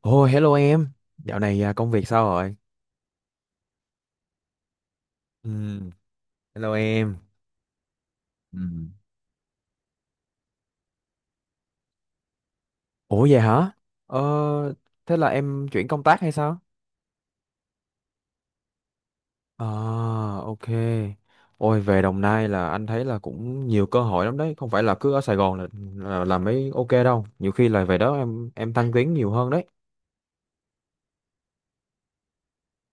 Ồ, hello em. Dạo này công việc sao rồi? Ừ, hello em. Ừ. Ủa vậy hả? Ờ, thế là em chuyển công tác hay sao? À, ok. Ôi, về Đồng Nai là anh thấy là cũng nhiều cơ hội lắm đấy. Không phải là cứ ở Sài Gòn là làm mới ok đâu. Nhiều khi là về đó em thăng tiến nhiều hơn đấy.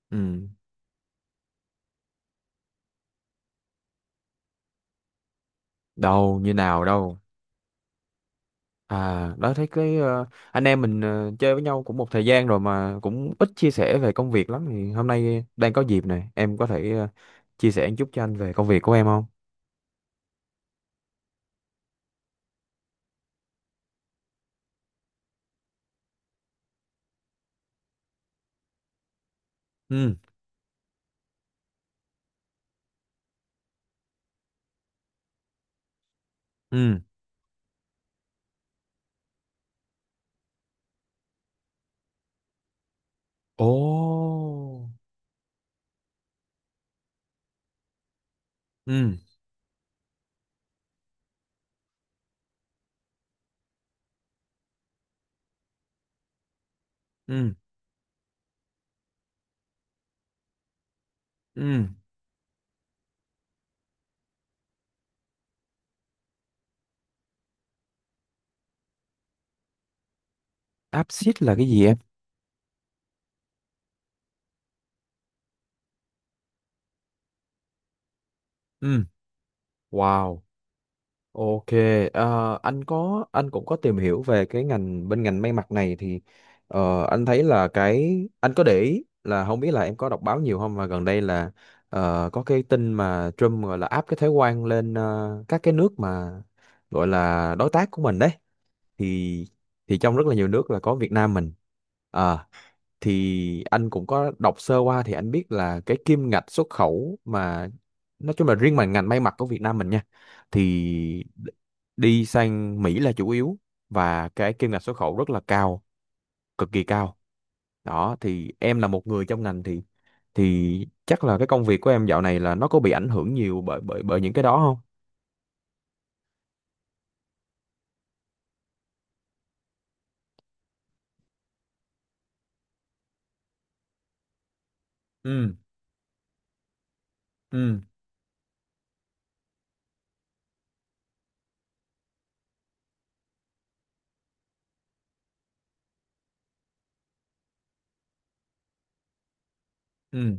Ừ, đâu như nào đâu. À, đó thấy anh em mình chơi với nhau cũng một thời gian rồi mà cũng ít chia sẻ về công việc lắm thì hôm nay đang có dịp này, em có thể chia sẻ một chút cho anh về công việc của em không? Ừ, ừ. Ồ. Ừ, ừ, ừ. Apsit là cái gì em? Ừ. Wow. Ok, ờ, anh có anh cũng có tìm hiểu về cái ngành bên ngành may mặc này thì anh thấy là cái anh có để ý là không biết là em có đọc báo nhiều không mà gần đây là có cái tin mà Trump gọi là áp cái thuế quan lên các cái nước mà gọi là đối tác của mình đấy thì thì trong rất là nhiều nước là có Việt Nam mình. Ờ, thì anh cũng có đọc sơ qua thì anh biết là cái kim ngạch xuất khẩu mà nói chung là riêng mà ngành may mặc của Việt Nam mình nha thì đi sang Mỹ là chủ yếu và cái kim ngạch xuất khẩu rất là cao, cực kỳ cao. Đó thì em là một người trong ngành thì chắc là cái công việc của em dạo này là nó có bị ảnh hưởng nhiều bởi bởi bởi những cái đó không? Ừ, ừ, ừ,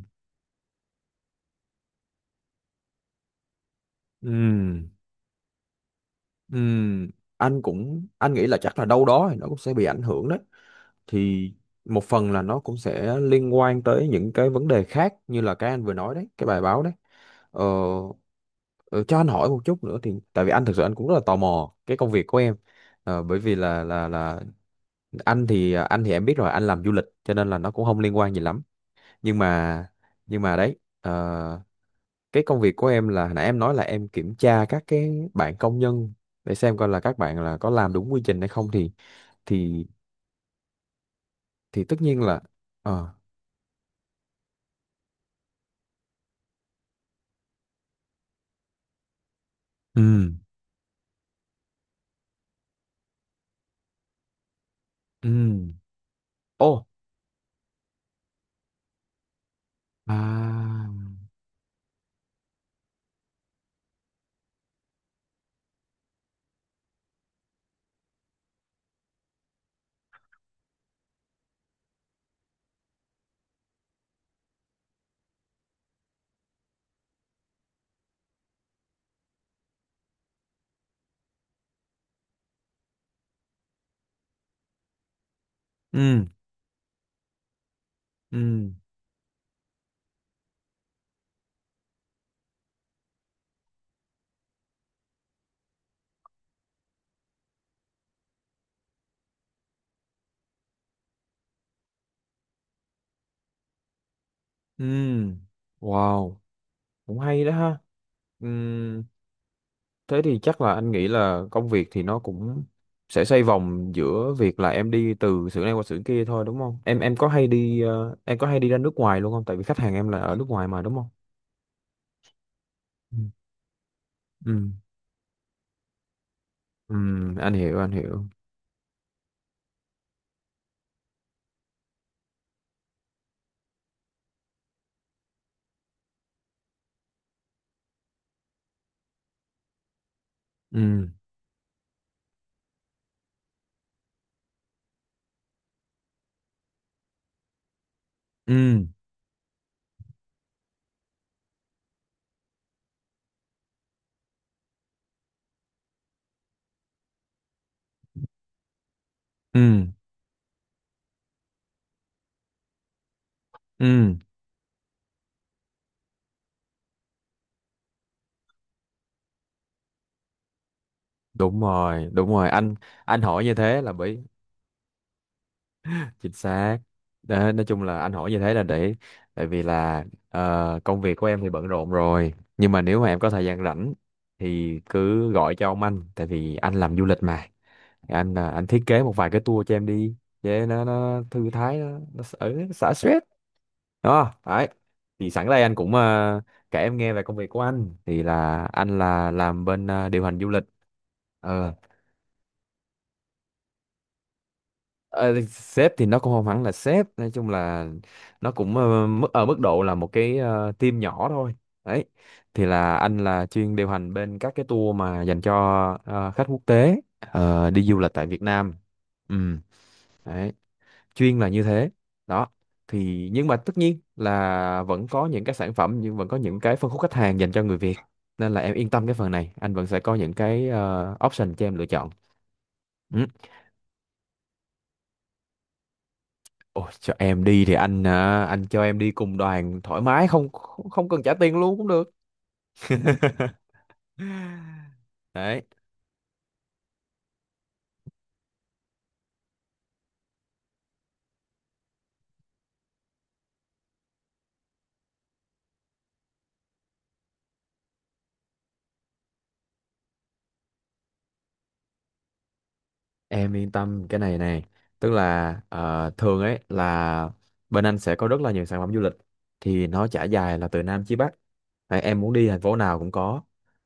ừ, ừm, anh cũng anh nghĩ là chắc là đâu đó thì nó cũng sẽ bị ảnh hưởng đấy. Thì một phần là nó cũng sẽ liên quan tới những cái vấn đề khác như là cái anh vừa nói đấy cái bài báo đấy. ờ, ờ, cho anh hỏi một chút nữa thì tại vì anh thực sự anh cũng rất là tò mò cái công việc của em. Bởi vì là anh thì em biết rồi anh làm du lịch cho nên là nó cũng không liên quan gì lắm. Nhưng mà nhưng mà đấy, cái công việc của em là hồi nãy em nói là em kiểm tra các cái bạn công nhân để xem coi là các bạn là có làm đúng quy trình hay không thì thì tất nhiên là ờ, ừ. 음. 어. À, 음. 음. 음. Wow. Cũng hay đó ha. 음. Thế thì chắc là anh nghĩ là công việc thì nó cũng sẽ xoay vòng giữa việc là em đi từ xưởng này qua xưởng kia thôi đúng không? Em có hay đi em có hay đi ra nước ngoài luôn không? Tại vì khách hàng em là ở nước ngoài mà đúng không? Ừ. Ừ. Ừ. Anh hiểu, anh hiểu. Ừ. Ừ. Ừ. Ừ. Đúng rồi, đúng rồi. Anh hỏi như thế là bởi chính xác. Đó, nói chung là anh hỏi như thế là để tại vì là công việc của em thì bận rộn rồi nhưng mà nếu mà em có thời gian rảnh thì cứ gọi cho ông anh tại vì anh làm du lịch mà. Anh thiết kế một vài cái tour cho em đi để nó thư thái nó ở xả stress. Đó đấy, thì sẵn đây anh cũng kể em nghe về công việc của anh thì là anh là làm bên điều hành du lịch. Ờ, Ờ, sếp thì nó cũng không hẳn là sếp, nói chung là nó cũng mức ở mức độ là một cái team nhỏ thôi. Đấy, thì là anh là chuyên điều hành bên các cái tour mà dành cho khách quốc tế đi du lịch tại Việt Nam. Ừ. Đấy, chuyên là như thế. Đó thì nhưng mà tất nhiên là vẫn có những cái sản phẩm nhưng vẫn có những cái phân khúc khách hàng dành cho người Việt nên là em yên tâm cái phần này anh vẫn sẽ có những cái option cho em lựa chọn. Ôi, cho em đi thì anh cho em đi cùng đoàn thoải mái, không không không cần trả tiền luôn cũng được. Đấy, em yên tâm cái này này, tức là thường ấy là bên anh sẽ có rất là nhiều sản phẩm du lịch thì nó trải dài là từ Nam chí Bắc. Đấy, em muốn đi thành phố nào cũng có.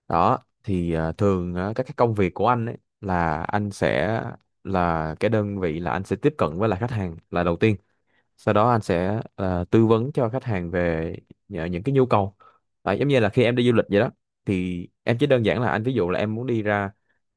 Đó thì thường á, các cái công việc của anh ấy là anh sẽ là cái đơn vị là anh sẽ tiếp cận với lại khách hàng là đầu tiên, sau đó anh sẽ là tư vấn cho khách hàng về nhờ những cái nhu cầu. À, giống như là khi em đi du lịch vậy đó, thì em chỉ đơn giản là anh ví dụ là em muốn đi ra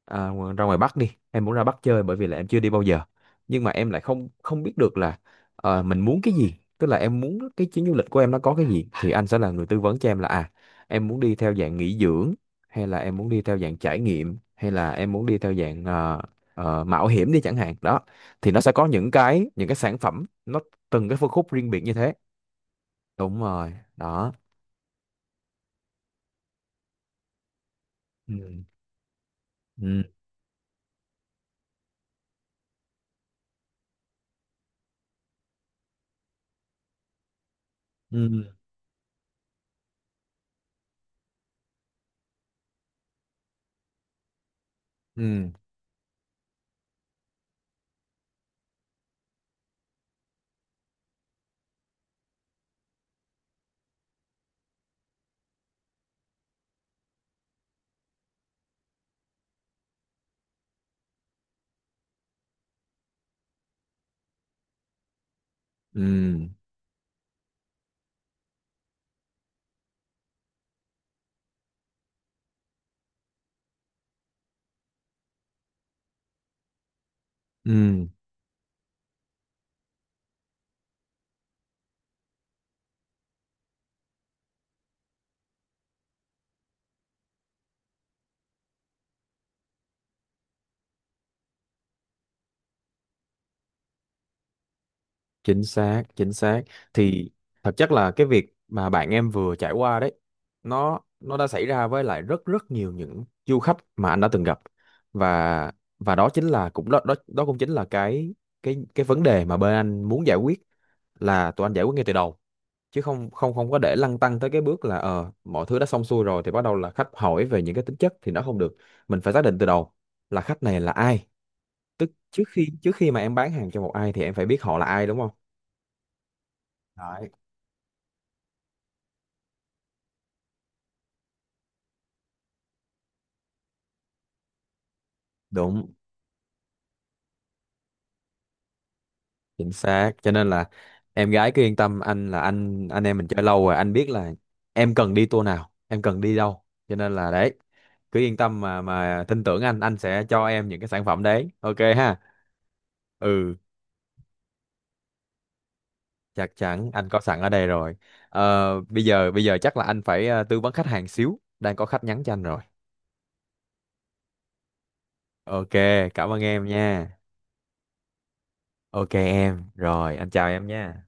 à, ra ngoài Bắc đi, em muốn ra Bắc chơi bởi vì là em chưa đi bao giờ nhưng mà em lại không không biết được là mình muốn cái gì, tức là em muốn cái chuyến du lịch của em nó có cái gì thì anh sẽ là người tư vấn cho em là à em muốn đi theo dạng nghỉ dưỡng hay là em muốn đi theo dạng trải nghiệm hay là em muốn đi theo dạng mạo hiểm đi chẳng hạn đó. Thì nó sẽ có những cái sản phẩm nó từng cái phân khúc riêng biệt như thế. Đúng rồi đó. Ừ, ừ, ừ, ừ, ừ, ừ, chính xác, chính xác. Thì thật chất là cái việc mà bạn em vừa trải qua đấy nó đã xảy ra với lại rất rất nhiều những du khách mà anh đã từng gặp. và và đó chính là cũng đó đó đó cũng chính là cái vấn đề mà bên anh muốn giải quyết, là tụi anh giải quyết ngay từ đầu, chứ không không không có để lăn tăn tới cái bước là ờ mọi thứ đã xong xuôi rồi thì bắt đầu là khách hỏi về những cái tính chất thì nó không được. Mình phải xác định từ đầu là khách này là ai, tức trước khi mà em bán hàng cho một ai thì em phải biết họ là ai đúng không. Đấy. Đúng, chính xác, cho nên là em gái cứ yên tâm anh là anh em mình chơi lâu rồi anh biết là em cần đi tour nào em cần đi đâu, cho nên là đấy, cứ yên tâm mà tin tưởng anh sẽ cho em những cái sản phẩm đấy ok ha. Ừ, chắc chắn anh có sẵn ở đây rồi. Ờ, bây giờ chắc là anh phải tư vấn khách hàng xíu đang có khách nhắn cho anh rồi. Ok, cảm ơn em nha. Ok em, rồi anh chào em nha.